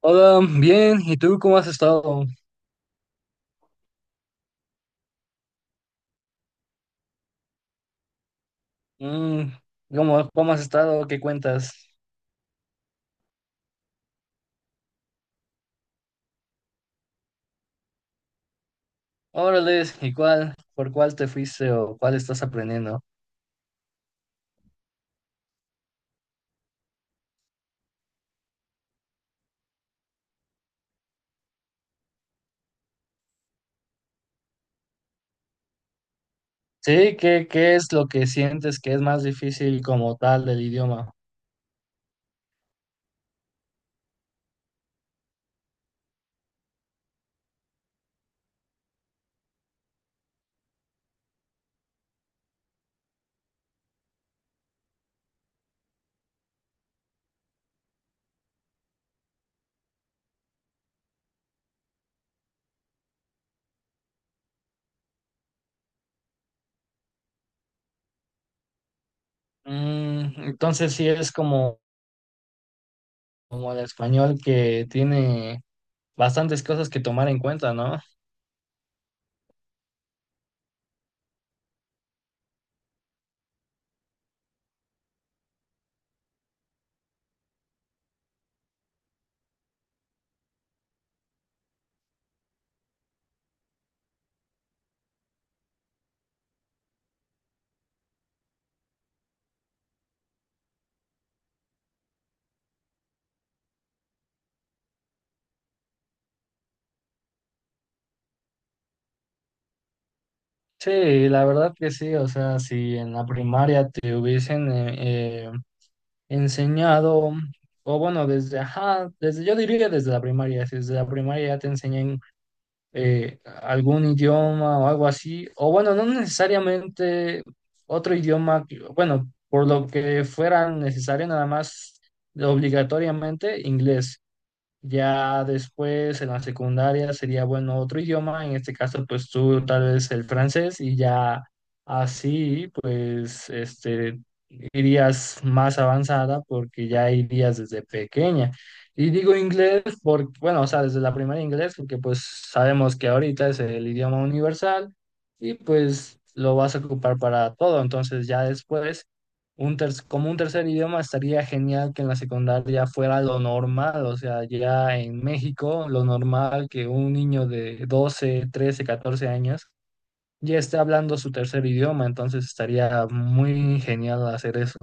Hola, bien, ¿y tú cómo has estado? Mm, ¿Cómo has estado? ¿Qué cuentas? Órale, ¿y cuál? ¿Por cuál te fuiste o cuál estás aprendiendo? Sí, ¿qué es lo que sientes que es más difícil como tal del idioma? Mm, entonces sí es como, como el español que tiene bastantes cosas que tomar en cuenta, ¿no? Sí, la verdad que sí, o sea, si en la primaria te hubiesen enseñado, o bueno, desde, ajá, desde, yo diría desde la primaria, si desde la primaria ya te enseñan algún idioma o algo así, o bueno, no necesariamente otro idioma, bueno, por lo que fuera necesario nada más obligatoriamente inglés. Ya después en la secundaria sería bueno otro idioma, en este caso pues tú tal vez el francés y ya así pues este irías más avanzada porque ya irías desde pequeña. Y digo inglés porque, bueno, o sea, desde la primaria inglés porque pues sabemos que ahorita es el idioma universal y pues lo vas a ocupar para todo, entonces ya después como un tercer idioma estaría genial que en la secundaria fuera lo normal, o sea, ya en México, lo normal que un niño de 12 13 14 años ya esté hablando su tercer idioma, entonces estaría muy genial hacer eso.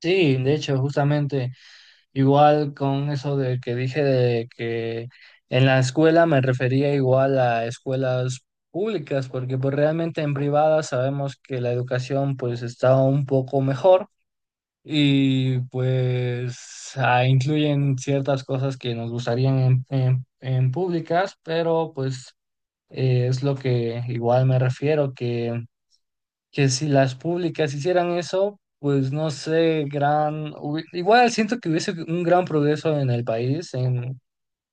Sí, de hecho, justamente igual con eso de que dije de que en la escuela me refería igual a escuelas públicas, porque pues realmente en privadas sabemos que la educación pues está un poco mejor y pues ah, incluyen ciertas cosas que nos gustarían en, en públicas, pero pues es lo que igual me refiero, que si las públicas hicieran eso, pues no sé, igual siento que hubiese un gran progreso en el país,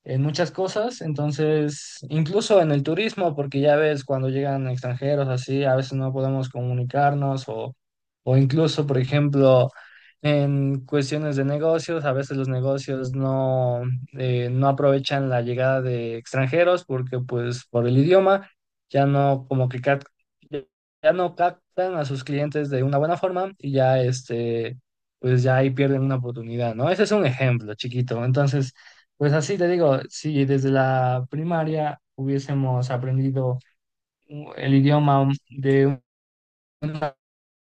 en muchas cosas, entonces, incluso en el turismo, porque ya ves, cuando llegan extranjeros así, a veces no podemos comunicarnos o incluso, por ejemplo, en cuestiones de negocios, a veces los negocios no, no aprovechan la llegada de extranjeros porque pues por el idioma ya no ya no captan a sus clientes de una buena forma y ya este pues ya ahí pierden una oportunidad, ¿no? Ese es un ejemplo chiquito. Entonces, pues así te digo, si desde la primaria hubiésemos aprendido el idioma de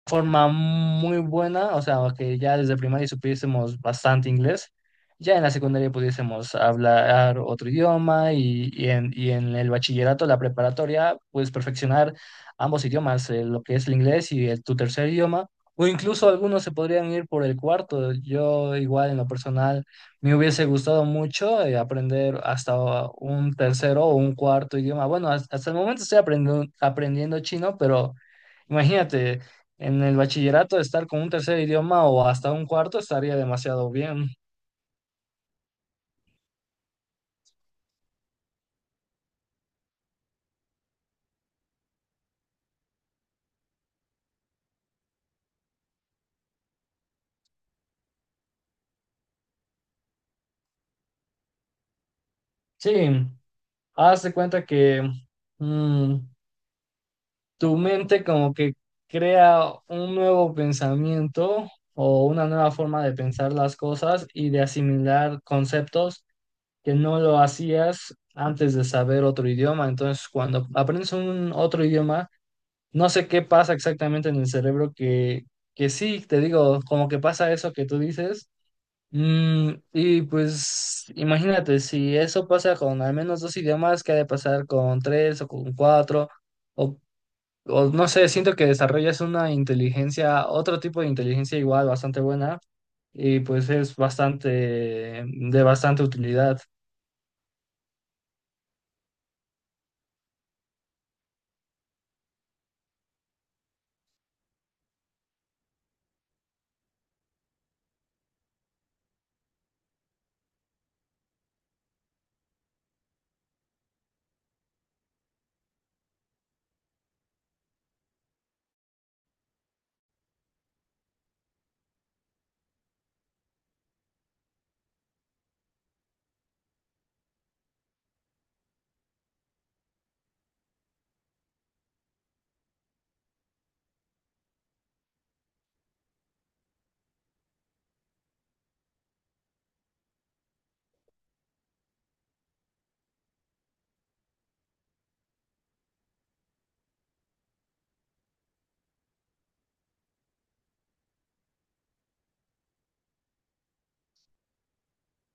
forma muy buena, o sea, que ya desde primaria supiésemos bastante inglés, ya en la secundaria pudiésemos hablar otro idioma y en el bachillerato, la preparatoria, pues perfeccionar ambos idiomas, lo que es el inglés y el, tu tercer idioma, o incluso algunos se podrían ir por el cuarto. Yo igual en lo personal me hubiese gustado mucho aprender hasta un tercero o un cuarto idioma. Bueno, hasta, hasta el momento estoy aprendiendo, aprendiendo chino, pero... Imagínate, en el bachillerato estar con un tercer idioma o hasta un cuarto estaría demasiado bien. Sí, haz de cuenta que mm, tu mente como que crea un nuevo pensamiento o una nueva forma de pensar las cosas y de asimilar conceptos que no lo hacías antes de saber otro idioma. Entonces, cuando aprendes un otro idioma, no sé qué pasa exactamente en el cerebro que sí, te digo, como que pasa eso que tú dices. Mm, y pues imagínate, si eso pasa con al menos dos idiomas, ¿qué ha de pasar con tres o con cuatro? O, o no sé, siento que desarrollas una inteligencia, otro tipo de inteligencia igual bastante buena y pues es bastante, mm, de bastante utilidad.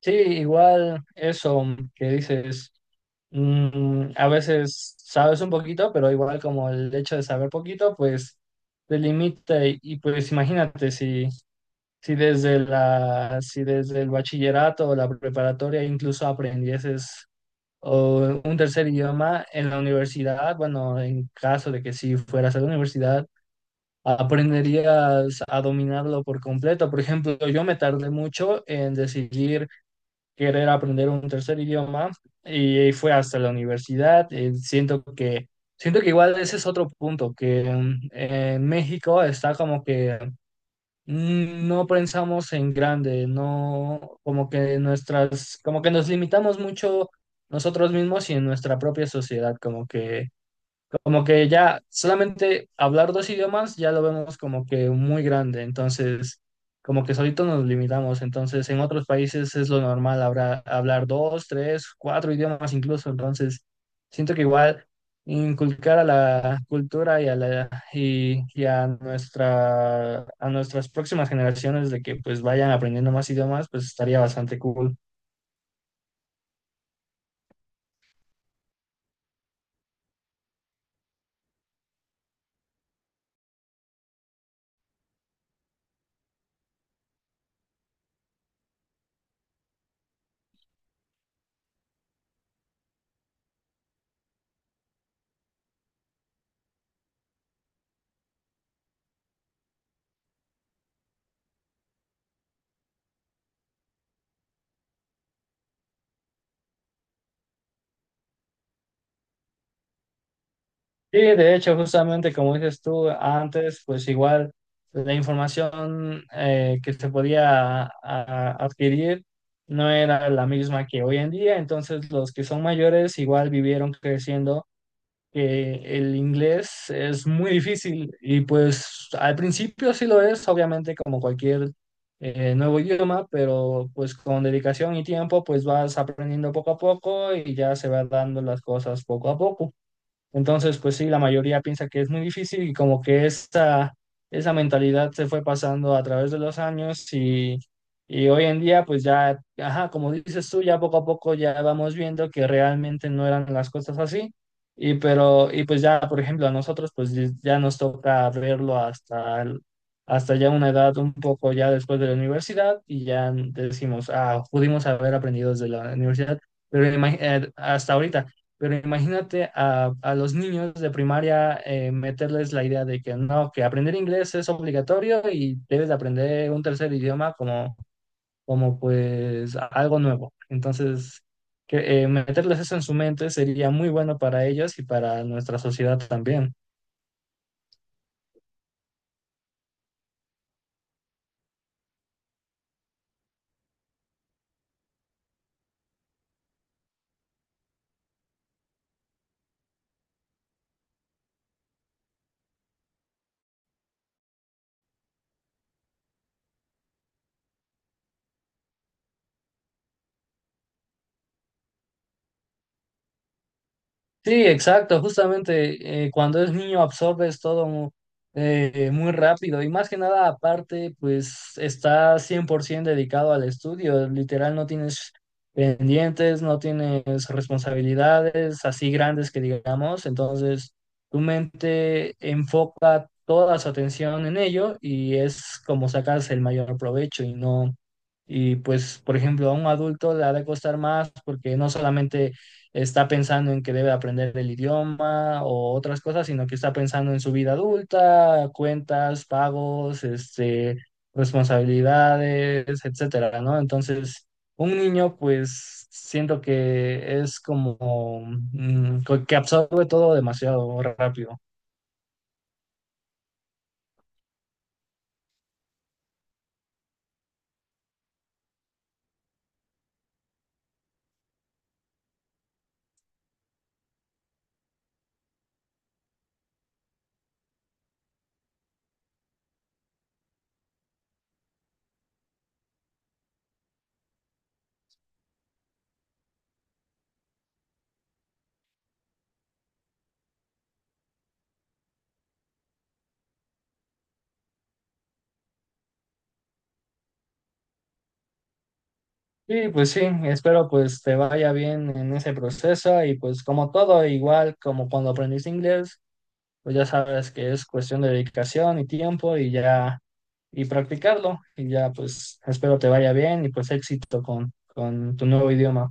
Sí, igual eso que dices, mm, a veces sabes un poquito, pero igual como el hecho de saber poquito, pues te limita y pues imagínate si... Si desde la, si desde el bachillerato o la preparatoria incluso aprendieses o un tercer idioma en la universidad, bueno, en caso de que si fueras a la universidad, aprenderías a dominarlo por completo. Por ejemplo, yo me tardé mucho en decidir querer aprender un tercer idioma y fue hasta la universidad. Siento que, siento que igual ese es otro punto, que mm, en México está como que mm, no pensamos en grande, no, como que nuestras, como que nos limitamos mucho nosotros mismos y en nuestra propia sociedad, como que ya solamente hablar dos idiomas ya lo vemos como que muy grande, entonces como que solito nos limitamos, entonces en otros países es lo normal hablar dos, tres, cuatro idiomas incluso, entonces siento que igual inculcar a la cultura y a nuestra a nuestras próximas generaciones de que pues vayan aprendiendo más idiomas, pues estaría bastante cool. Sí, de hecho, justamente como dices tú antes, pues igual la información que se podía adquirir no era la misma que hoy en día, entonces los que son mayores igual vivieron creciendo que el inglés es muy difícil y pues al principio sí lo es, obviamente como cualquier nuevo idioma, pero pues con dedicación y tiempo pues vas aprendiendo poco a poco y ya se van dando las cosas poco a poco. Entonces, pues sí, la mayoría piensa que es muy difícil y como que esa mentalidad se fue pasando a través de los años y hoy en día, pues ya, ajá, como dices tú, ya poco a poco ya vamos viendo que realmente no eran las cosas así. Y pues ya, por ejemplo, a nosotros, pues ya nos toca verlo hasta ya una edad un poco ya después de la universidad y ya decimos, ah, pudimos haber aprendido desde la universidad, pero hasta ahorita. Pero imagínate a los niños de primaria meterles la idea de que no, que aprender inglés es obligatorio y debes de aprender un tercer idioma como, como pues algo nuevo. Entonces, que, meterles eso en su mente sería muy bueno para ellos y para nuestra sociedad también. Sí, exacto, justamente cuando es niño absorbes todo muy rápido y más que nada aparte pues estás 100% dedicado al estudio, literal no tienes pendientes, no tienes responsabilidades así grandes que digamos, entonces tu mente enfoca toda su atención en ello y es como sacas el mayor provecho y no... Y pues, por ejemplo, a un adulto le ha de costar más porque no solamente está pensando en que debe aprender el idioma o otras cosas, sino que está pensando en su vida adulta, cuentas, pagos, este, responsabilidades, etcétera, ¿no? Entonces, un niño, pues, siento que es como mm, que absorbe todo demasiado rápido. Sí, pues sí, espero pues te vaya bien en ese proceso y pues como todo, igual como cuando aprendiste inglés, pues ya sabes que es cuestión de dedicación y tiempo y ya, y practicarlo. Y ya, pues espero te vaya bien y pues éxito con tu nuevo idioma.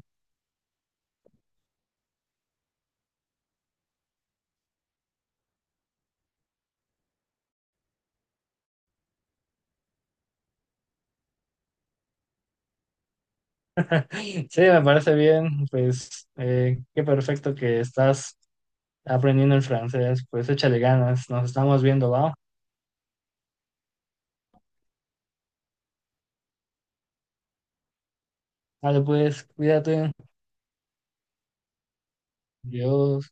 Sí, me parece bien, pues qué perfecto que estás aprendiendo el francés, pues échale ganas, nos estamos viendo, va. Vale, pues cuídate, Dios.